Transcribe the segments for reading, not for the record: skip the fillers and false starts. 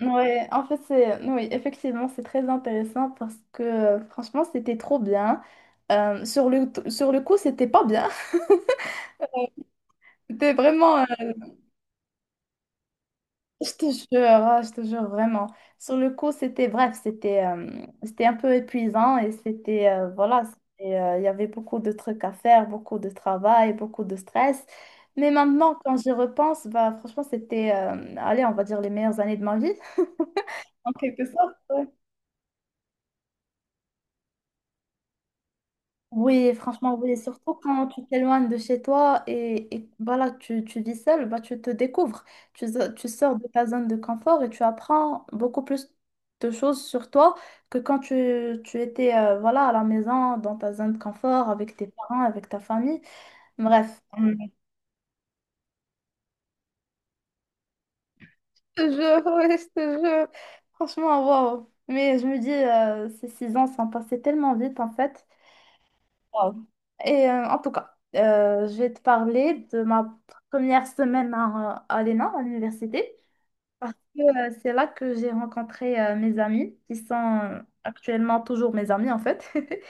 Ouais, en fait, oui, effectivement, c'est très intéressant parce que franchement, c'était trop bien. Sur le sur le, coup, c'était pas bien. C'était vraiment, je te jure, ah, je te jure vraiment. Sur le coup, bref, c'était un peu épuisant et voilà, il y avait beaucoup de trucs à faire, beaucoup de travail, beaucoup de stress. Mais maintenant, quand j'y repense, bah, franchement, allez, on va dire les meilleures années de ma vie, en quelque sorte. Ouais. Oui, franchement, oui. Surtout quand tu t'éloignes de chez toi et voilà, tu vis seul, bah, tu te découvres. Tu sors de ta zone de confort et tu apprends beaucoup plus de choses sur toi que quand tu étais voilà, à la maison, dans ta zone de confort, avec tes parents, avec ta famille. Bref, je te jure, ouais, je te jure. Franchement, waouh. Mais je me dis, ces 6 ans sont passés tellement vite en fait. Wow. Et en tout cas, je vais te parler de ma première semaine à l'ENA, à l'université, parce que c'est là que j'ai rencontré mes amis, qui sont actuellement toujours mes amis en fait.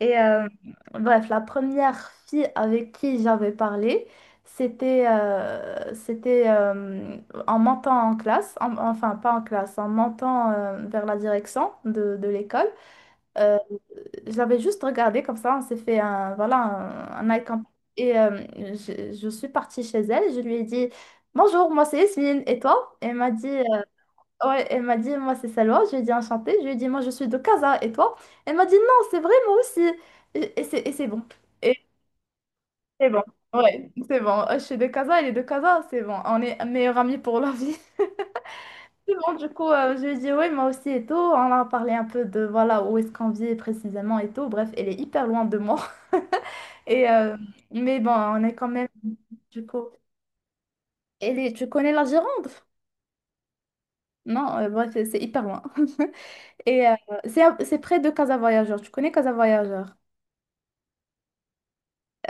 Et euh, bref, la première fille avec qui j'avais parlé, c'était, en montant en classe, enfin pas en classe, en montant vers la direction de l'école. Euh, j'avais juste regardé comme ça, on s'est fait voilà, un eye contact. Je suis partie chez elle, je lui ai dit : « Bonjour, moi c'est Yasmine, et toi ? » Elle m'a dit, ouais, elle m'a dit : « Moi c'est Salwa », je lui ai dit : « Enchantée », je lui ai dit : « Moi je suis de Casa, et toi ? » Elle m'a dit : « Non, c'est vrai, moi aussi. » Et c'est bon. Et c'est bon, ouais, c'est bon. Je suis de Casa, elle est de Casa, c'est bon. On est meilleurs amis pour la vie. Bon, du coup, je lui ai dit oui, moi aussi et tout. On a parlé un peu de voilà où est-ce qu'on vit précisément et tout. Bref, elle est hyper loin de moi. Et, euh, mais bon, on est quand même, du coup. Elle est, tu connais la Gironde? Non, c'est hyper loin. Et euh, c'est près de Casa Voyageur. Tu connais Casa Voyageur?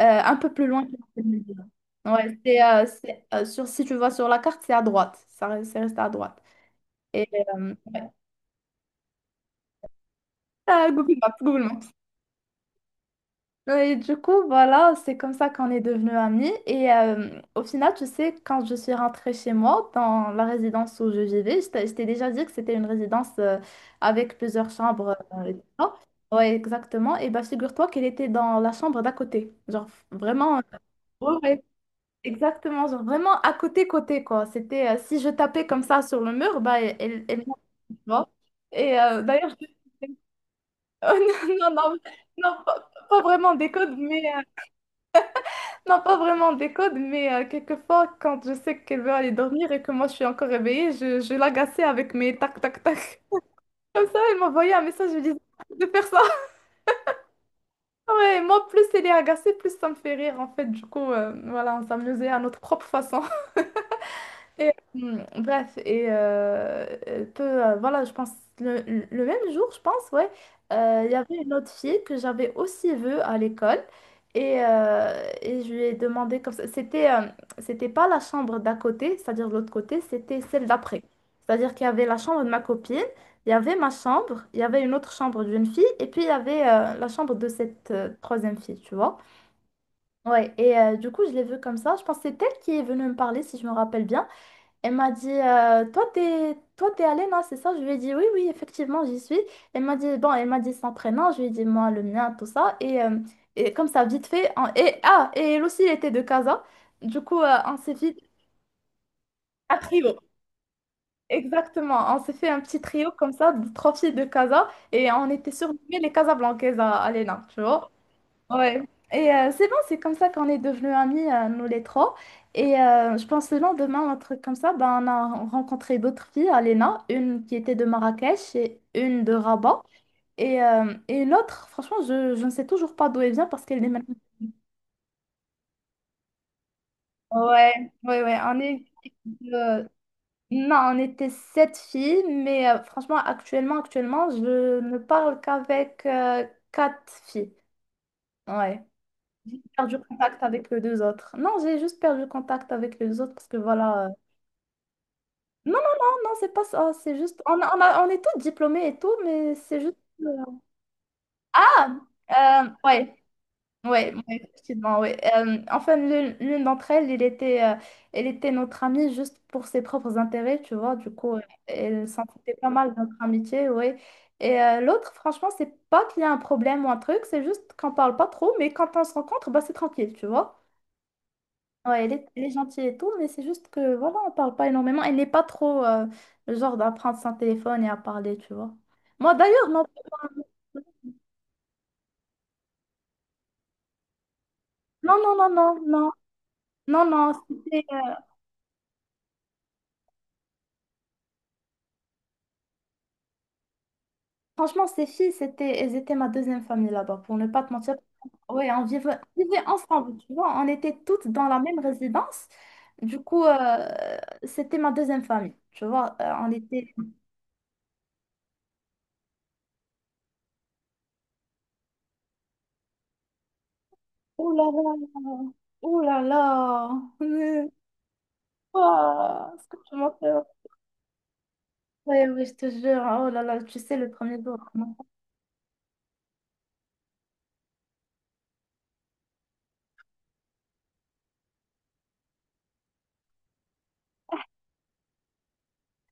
Un peu plus loin que Casablanca. Ouais, sur, si tu vas sur la carte, c'est à droite. Ça, c'est resté à droite. Et euh, ah, Google Maps, Google Maps. Ouais. Et du coup, voilà, c'est comme ça qu'on est devenus amis. Et au final, tu sais, quand je suis rentrée chez moi, dans la résidence où je vivais, je t'ai déjà dit que c'était une résidence avec plusieurs chambres, et tout ça. Ouais, exactement. Et bah, figure-toi qu'elle était dans la chambre d'à côté. Genre, vraiment. Ouais, ouais, exactement, genre vraiment à côté côté quoi. C'était si je tapais comme ça sur le mur, bah elle tu vois. Et d'ailleurs je... Oh, non non non, non, pas vraiment des codes mais euh,, non, pas vraiment des codes, mais quelquefois, quand je sais qu'elle veut aller dormir et que moi je suis encore réveillée, je l'agaçais avec mes tac tac tac. Comme ça, elle m'envoyait un message, je lui disais : « Arrête de faire ça. » Ouais, moi, plus elle est agacée, plus ça me fait rire en fait. Du coup, voilà, on s'amusait à notre propre façon. Bref, voilà, je pense, le, le même jour, je pense, ouais, il y avait une autre fille que j'avais aussi vue à l'école. Et je lui ai demandé comme ça. C'était pas la chambre d'à côté, c'est-à-dire de l'autre côté, c'était celle d'après. C'est-à-dire qu'il y avait la chambre de ma copine, il y avait ma chambre, il y avait une autre chambre d'une fille, et puis il y avait la chambre de cette troisième fille, tu vois. Ouais, et du coup, je l'ai vue comme ça. Je pense que c'est elle qui est venue me parler, si je me rappelle bien. Elle m'a dit, toi, t'es allée, non, c'est ça? Je lui ai dit, oui, oui, effectivement, j'y suis. Elle m'a dit, bon, elle m'a dit son prénom, je lui ai dit, moi, le mien, tout ça. Et, comme ça, vite fait, et elle aussi, elle était de Casa. Du coup, on s'est fait un trio. Exactement, on s'est fait un petit trio comme ça, de trois filles de Casa. Et on était surnommées les Casablancaises à l'ENA, tu vois. Ouais. Et c'est bon, c'est comme ça qu'on est devenus amis, nous les trois. Et je pense le lendemain, un truc comme ça, ben, on a rencontré d'autres filles à l'ENA, une qui était de Marrakech et une de Rabat. Et l'autre, franchement, je ne sais toujours pas d'où elle vient parce qu'elle est maintenant. Ouais, ouais, ouais, on est... euh, Non, on était sept filles, mais franchement, actuellement, je ne parle qu'avec quatre filles. Ouais. J'ai perdu contact avec les deux autres. Non, j'ai juste perdu contact avec les autres parce que voilà. Non, non, c'est pas ça. C'est juste. On est tous diplômés et tout, mais c'est juste. euh, Ah, ouais, ouais, effectivement, ouais. Enfin, l'une d'entre elles, elle était notre amie juste pour ses propres intérêts, tu vois. Du coup, elle s'en foutait pas mal de notre amitié, ouais. Et l'autre, franchement, c'est pas qu'il y a un problème ou un truc, c'est juste qu'on parle pas trop, mais quand on se rencontre, bah, c'est tranquille, tu vois. Ouais, elle est gentille et tout, mais c'est juste que, voilà, on parle pas énormément. Elle n'est pas trop le genre à prendre son téléphone et à parler, tu vois. Moi, d'ailleurs, non, non, non, non, non, non. c'était- euh, Franchement, ces filles, c'était, elles étaient ma deuxième famille là-bas, pour ne pas te mentir. Ouais, on vivait ensemble, tu vois. On était toutes dans la même résidence. Du coup, c'était ma deuxième famille, tu vois. On était... Oh là là, oh là là. Ah, ce que tu m'as fait ouais, oui, je te jure. Oh là là, tu sais, le premier jour. Vraiment.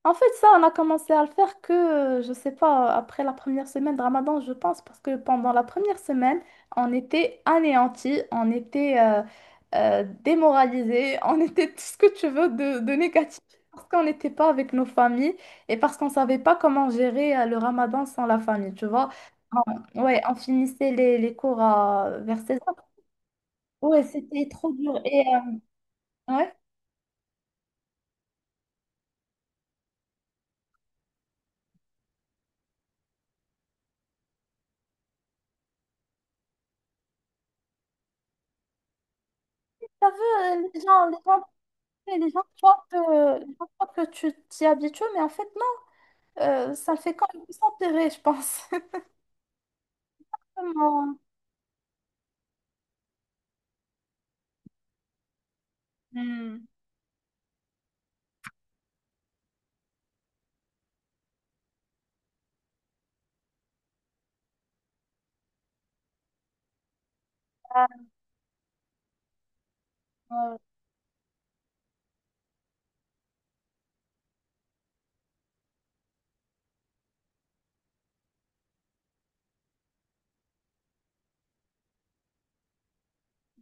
En fait, ça, on a commencé à le faire que, je sais pas, après la première semaine de Ramadan, je pense, parce que pendant la première semaine, on était anéantis, on était démoralisés, on était tout ce que tu veux de négatif, parce qu'on n'était pas avec nos familles et parce qu'on savait pas comment gérer le Ramadan sans la famille, tu vois. Ouais, on finissait les cours à, vers 16 heures. Ouais, c'était trop dur. Et, ouais. T'as vu, les gens, les gens. Et les gens croient que, les gens croient que tu t'y habitues, mais en fait, non, ça fait quand même s'empirer, je pense. Vraiment. Hmm. Ah,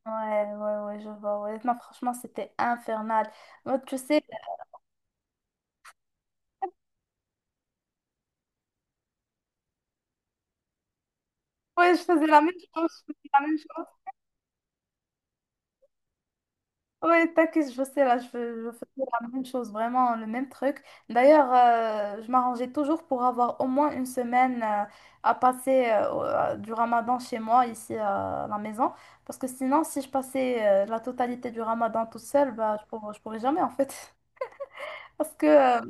ouais, ouais, ouais, ouais, je vois. Ouais. Non, franchement, c'était infernal. Moi, tu sais, ouais, je faisais la même chose. Je faisais la même chose. Oui, t'inquiète, je sais, là, je faisais la même chose, vraiment le même truc. D'ailleurs, je m'arrangeais toujours pour avoir au moins une semaine à passer du Ramadan chez moi, ici à la maison. Parce que sinon, si je passais la totalité du Ramadan toute seule, bah, je pourrais jamais, en fait. Parce que,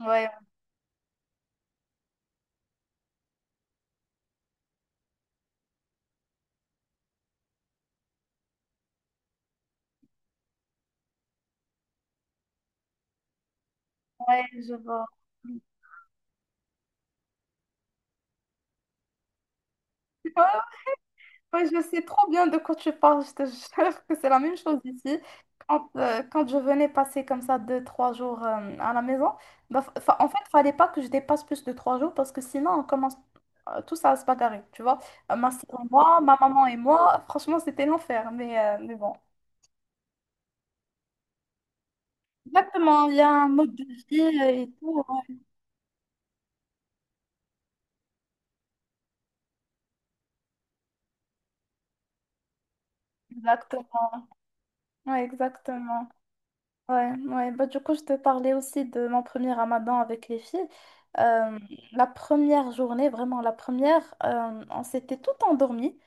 ouais, ouais, je vois. Oui, je sais trop bien de quoi tu parles. Je te jure que c'est la même chose ici. Quand, quand je venais passer comme ça deux, trois jours à la maison, bah, en fait, il fallait pas que je dépasse plus de 3 jours parce que sinon, on commence tous à se bagarrer, tu vois. Ma soeur et moi, ma maman et moi, franchement, c'était l'enfer, mais bon. Exactement, il y a un mode de vie et tout. Ouais, exactement. Ouais, exactement. Ouais, ouais. Bah, du coup, je te parlais aussi de mon premier ramadan avec les filles. Euh, la première journée, vraiment la première, on s'était tout endormi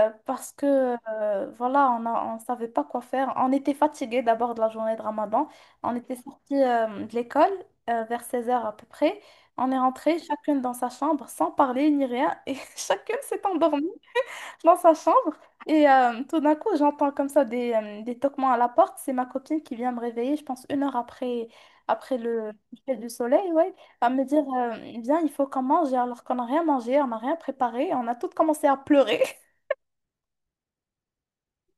parce que voilà, on savait pas quoi faire. On était fatigués d'abord de la journée de ramadan. On était sortis de l'école vers seize heures à peu près. On est rentrés chacune dans sa chambre sans parler ni rien et chacune s'est endormie dans sa chambre. Et tout d'un coup, j'entends comme ça des toquements à la porte. C'est ma copine qui vient me réveiller, je pense, une heure après, après le coucher du soleil, ouais, à me dire, viens, il faut qu'on mange, alors qu'on n'a rien mangé, on n'a rien préparé, on a toutes commencé à pleurer.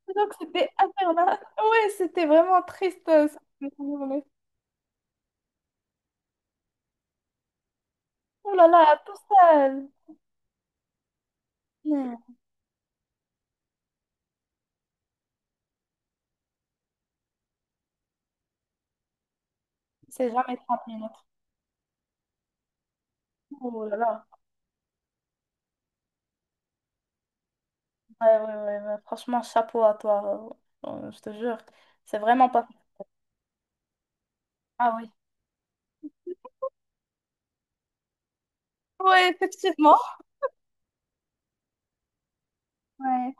Donc, c'était infernal. Ouais, c'était vraiment triste, cette journée. Oh là là, tout ça, hmm, c'est jamais 30 minutes. Oh là là. Ouais, ouais, ouais, ouais. Franchement, chapeau à toi. Je te jure, c'est vraiment pas... Ah oui. Oui, effectivement. Ouais,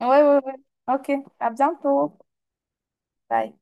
ouais, ouais. Ouais. Ok, à bientôt. Bye.